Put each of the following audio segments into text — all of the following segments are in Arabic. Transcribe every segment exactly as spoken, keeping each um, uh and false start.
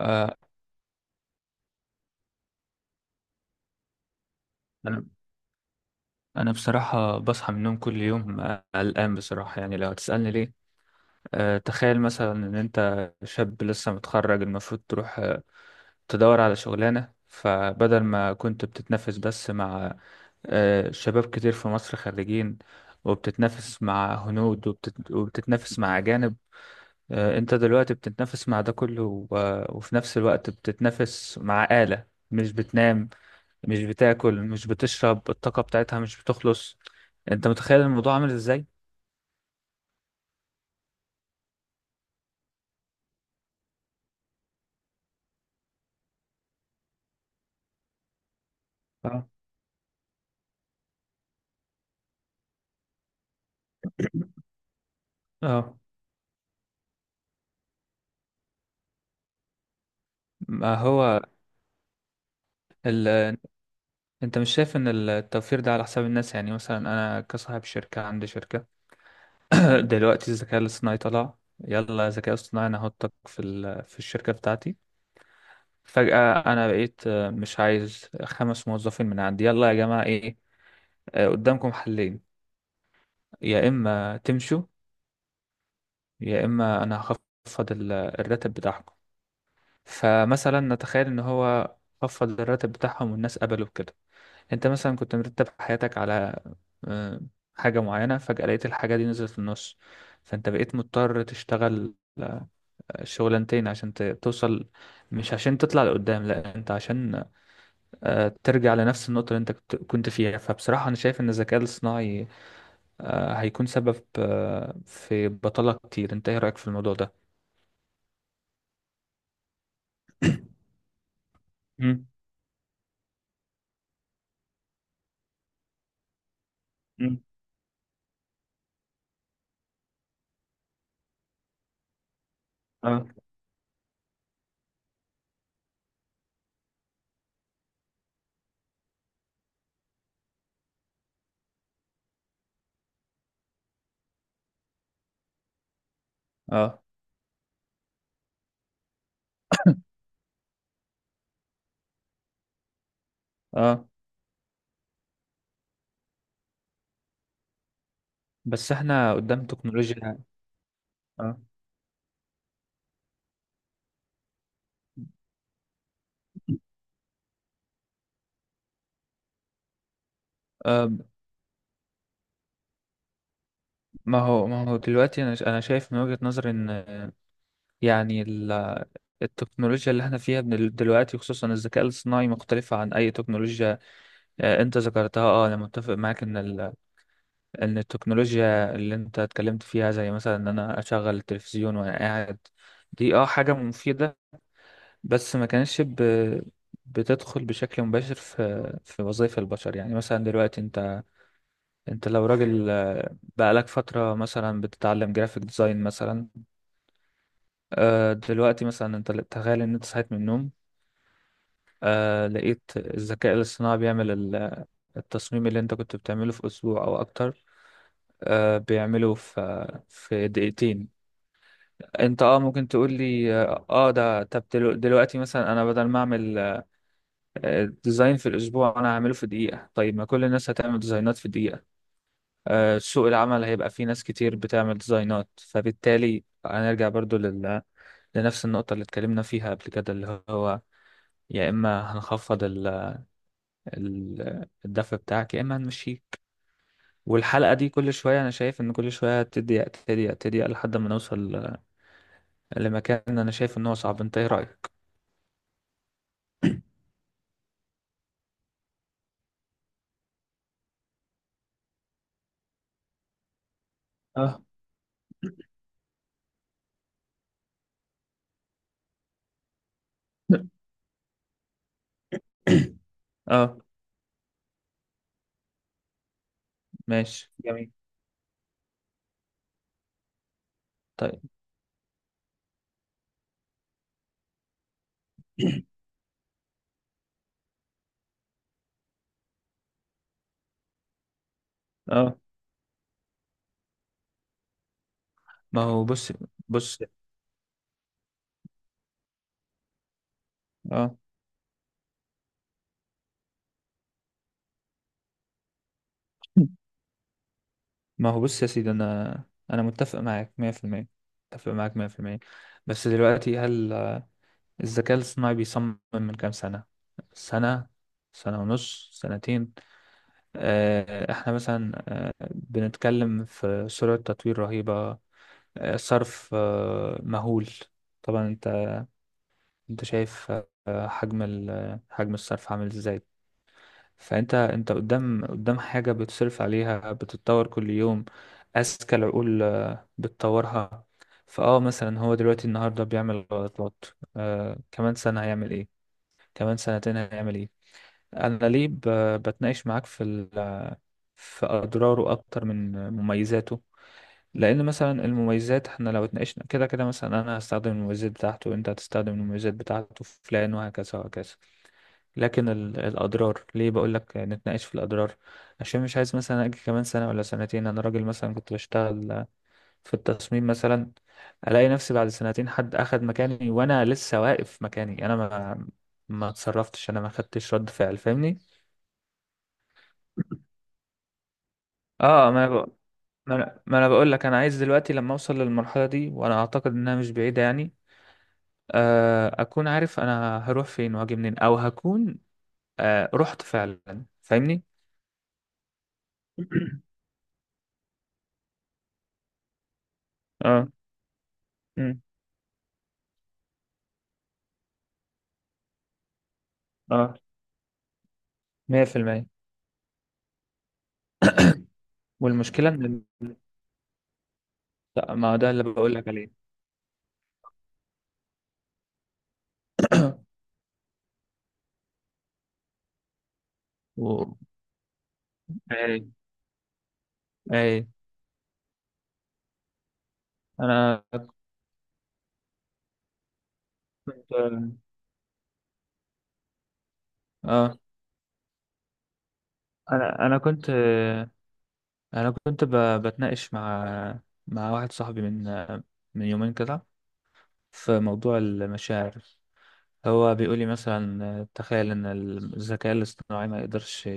آه، أنا أنا بصراحة بصحى من النوم كل يوم، آه، قلقان بصراحة. يعني لو هتسألني ليه، آه، تخيل مثلا إن أنت شاب لسه متخرج، المفروض تروح آه، تدور على شغلانة. فبدل ما كنت بتتنافس بس مع آه، شباب كتير في مصر خريجين، وبتتنافس مع هنود، وبتت... وبتتنافس مع أجانب. آه، أنت دلوقتي بتتنافس مع ده كله، و... وفي نفس الوقت بتتنافس مع آلة مش بتنام، مش بتاكل، مش بتشرب. الطاقة بتاعتها مش بتخلص. انت متخيل الموضوع عامل ازاي؟ اه. اه. ما هو ال... انت مش شايف ان التوفير ده على حساب الناس؟ يعني مثلا انا كصاحب شركة، عندي شركة. دلوقتي الذكاء الاصطناعي طلع، يلا ذكاء اصطناعي انا هحطك في ال... في الشركة بتاعتي. فجأة انا بقيت آه، مش عايز خمس موظفين من عندي. يلا يا جماعة، ايه، آه، قدامكم حلين: يا اما تمشوا، يا اما انا هخفض ال- الراتب بتاعكم. فمثلا نتخيل ان هو خفض الراتب بتاعهم والناس قبلوا بكده. انت مثلا كنت مرتب حياتك على آه، حاجة معينة، فجأة لقيت الحاجة دي نزلت في النص، فانت بقيت مضطر تشتغل آه، شغلانتين عشان ت- توصل. مش عشان تطلع لقدام، لا انت عشان آه، ترجع لنفس النقطة اللي انت كنت كنت فيها. فبصراحة انا شايف ان الذكاء الاصطناعي آه، هيكون سبب آه، في بطالة كتير. انت ايه رأيك في الموضوع ده؟ مم. مم. اه. اه. اه. بس احنا قدام تكنولوجيا. اه، آه، ما هو ما هو دلوقتي انا ش- انا شايف من وجهة نظري ان آه، يعني ال- التكنولوجيا اللي احنا فيها من دلوقتي، خصوصا الذكاء الاصطناعي، مختلفة عن اي تكنولوجيا آه، انت ذكرتها. اه، انا متفق معاك ان ال- ان التكنولوجيا اللي انت اتكلمت فيها، زي مثلا ان انا اشغل التلفزيون وانا قاعد، دي اه حاجة مفيدة. بس ما كانتش ب... بتدخل بشكل مباشر في في وظائف البشر. يعني مثلا دلوقتي، انت لو راجل آه، بقالك فترة مثلا بتتعلم جرافيك ديزاين مثلا، آه، دلوقتي مثلا انت تخيل ان انت صحيت من النوم آه، لقيت الذكاء الاصطناعي بيعمل ال- التصميم اللي انت كنت بتعمله في اسبوع او اكتر آه، بيعمله في في دقيقتين. انت، اه ممكن تقول لي، اه آه، ده، طب دلو- دلوقتي مثلا انا بدل ما اعمل آه، ديزاين في الاسبوع، انا هعمله في دقيقة. طيب ما كل الناس هتعمل ديزاينات في دقيقة، آه، سوق العمل هيبقى فيه ناس كتير بتعمل ديزاينات، فبالتالي هنرجع برضو لل... لنفس النقطة اللي اتكلمنا فيها قبل كده، اللي هو يا إما هنخفض ال... ال... الدفع بتاعك، يا إما هنمشيك. والحلقة دي كل شوية أنا شايف إن كل شوية تضيق تضيق تضيق لحد ما نوصل لمكان أنا شايف إن هو صعب. أنت إيه رأيك؟ اه. أه. ماشي جميل. طيب. أه. ما هو بص. بص. أه. ما هو بص يا سيدي، انا انا متفق معاك مية في المية. متفق معاك مية في المية. بس دلوقتي، هل الذكاء الاصطناعي بيصمم من كام سنة؟ سنة، سنة ونص، سنتين. آه، احنا مثلا آه، بنتكلم في سرعة تطوير رهيبة، آه، صرف آه، مهول. طبعا انت انت شايف آه، حجم ال- حجم الصرف عامل ازاي. فانت، انت قدام قدام حاجة بتصرف عليها بتتطور كل يوم، اذكى العقول آه، بتطورها. فاه مثلا هو دلوقتي النهاردة بيعمل غلطات. آه كمان سنة هيعمل ايه؟ كمان سنتين هيعمل ايه؟ انا ليه ب- بتناقش معاك في ال- في اضراره اكتر من مميزاته؟ لان مثلا المميزات احنا لو اتناقشنا كده كده، مثلا انا هستخدم المميزات بتاعته وانت هتستخدم المميزات بتاعته، فلان وهكذا وهكذا. لكن ال- الاضرار ليه بقول لك نتناقش في الاضرار؟ عشان مش عايز مثلا اجي كمان سنه ولا سنتين، انا راجل مثلا كنت بشتغل في التصميم مثلا، الاقي نفسي بعد سنتين حد اخد مكاني وانا لسه واقف مكاني، انا ما ما اتصرفتش، انا ما خدتش رد فعل. فاهمني؟ اه، ما انا بقول ما انا ما أنا بقول لك، انا عايز دلوقتي لما اوصل للمرحله دي، وانا اعتقد انها مش بعيده يعني، آه، اكون عارف انا هروح فين واجي منين، او هكون آه، رحت فعلا. فاهمني؟ اه. اه. مية في المية. والمشكله ان ال- لا، ما هو ده اللي بقول لك عليه. و... اي. اي. انا كنت اه انا انا كنت انا كنت ب... بتناقش مع مع واحد صاحبي من من يومين كده، في موضوع المشاعر. هو بيقول لي مثلا تخيل ان الذكاء الاصطناعي ما يقدرش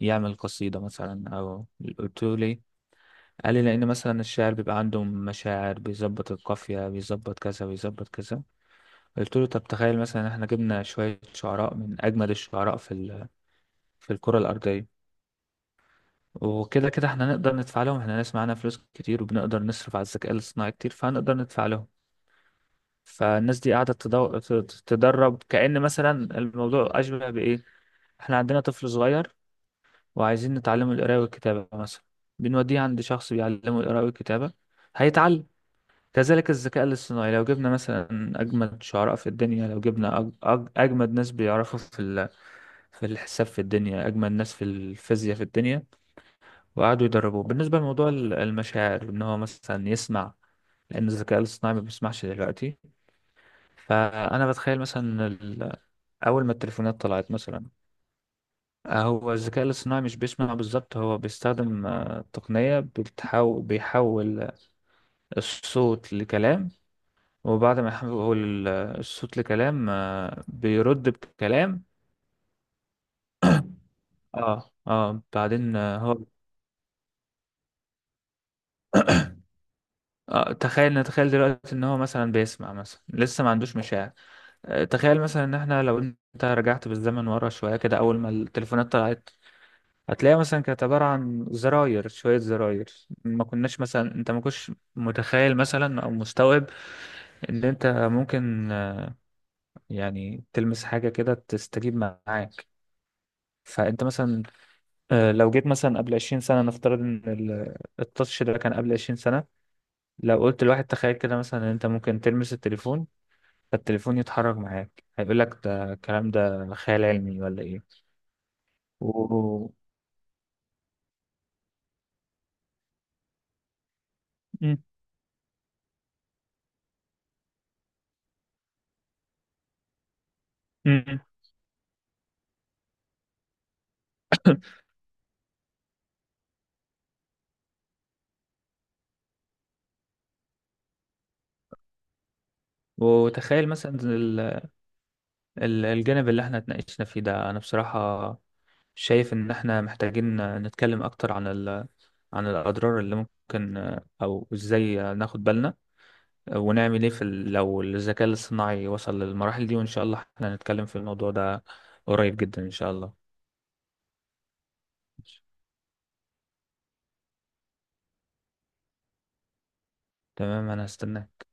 يعمل قصيده مثلا، او قلت له ليه؟ قال لي لان مثلا الشاعر بيبقى عنده مشاعر، بيظبط القافيه، بيظبط كذا، بيظبط كذا. قلت له طب تخيل مثلا إن احنا جبنا شوية شعراء من أجمد الشعراء في ال... في الكرة الأرضية، وكده كده احنا نقدر ندفع لهم. احنا ناس معانا فلوس كتير وبنقدر نصرف على الذكاء الاصطناعي كتير، فهنقدر ندفع لهم. فالناس دي قاعدة تدو... ت- تدرب. كأن مثلا الموضوع أشبه بإيه: احنا عندنا طفل صغير وعايزين نتعلمه القراءة والكتابة مثلا، بنوديه عند شخص بيعلمه القراءة والكتابة، هيتعلم. كذلك الذكاء الاصطناعي، لو جبنا مثلا أجمد شعراء في الدنيا، لو جبنا أج... أج... أجمد ناس بيعرفوا في ال... في الحساب في الدنيا، أجمل ناس في الفيزياء في الدنيا، وقعدوا يدربوه بالنسبة لموضوع ال- المشاعر، إن هو مثلا يسمع، لأن الذكاء الاصطناعي ما بيسمعش دلوقتي. فأنا بتخيل مثلا ال- أول ما التليفونات طلعت مثلا. هو الذكاء الاصطناعي مش بيسمع بالظبط، هو بيستخدم آه، تقنية بتحاول، بيحول الصوت لكلام، وبعد ما يحول الصوت لكلام آه، بيرد بكلام. اه. اه. بعدين آه، هو، آه، تخيل نتخيل دلوقتي ان هو مثلا بيسمع مثلا، لسه ما عندوش مشاعر. آه، تخيل مثلا ان احنا، لو انت رجعت بالزمن ورا شوية كده، اول ما التليفونات طلعت هتلاقيها مثلا كانت عبارة عن زراير، شوية زراير. ما كناش مثلا، انت ما كنتش متخيل مثلا او مستوعب ان انت ممكن آه، يعني تلمس حاجة كده تستجيب معاك. فانت مثلا آه، لو جيت مثلا قبل عشرين سنة، نفترض ان ال- التاتش ده كان قبل عشرين سنة، لو قلت لواحد تخيل كده مثلا ان انت ممكن تلمس التليفون فالتليفون يتحرك معاك، هيقول لك ده الكلام ده خيال علمي ولا ايه؟ و... مم. مم. وتخيل مثلا ال- ال- الجانب اللي احنا اتناقشنا فيه ده، انا بصراحة شايف ان احنا محتاجين نتكلم اكتر عن ال... عن الاضرار اللي ممكن، او ازاي ناخد بالنا ونعمل ايه في ال... لو الذكاء الاصطناعي وصل للمراحل دي. وان شاء الله احنا هنتكلم في الموضوع ده قريب جدا ان شاء الله. تمام، انا هستناك.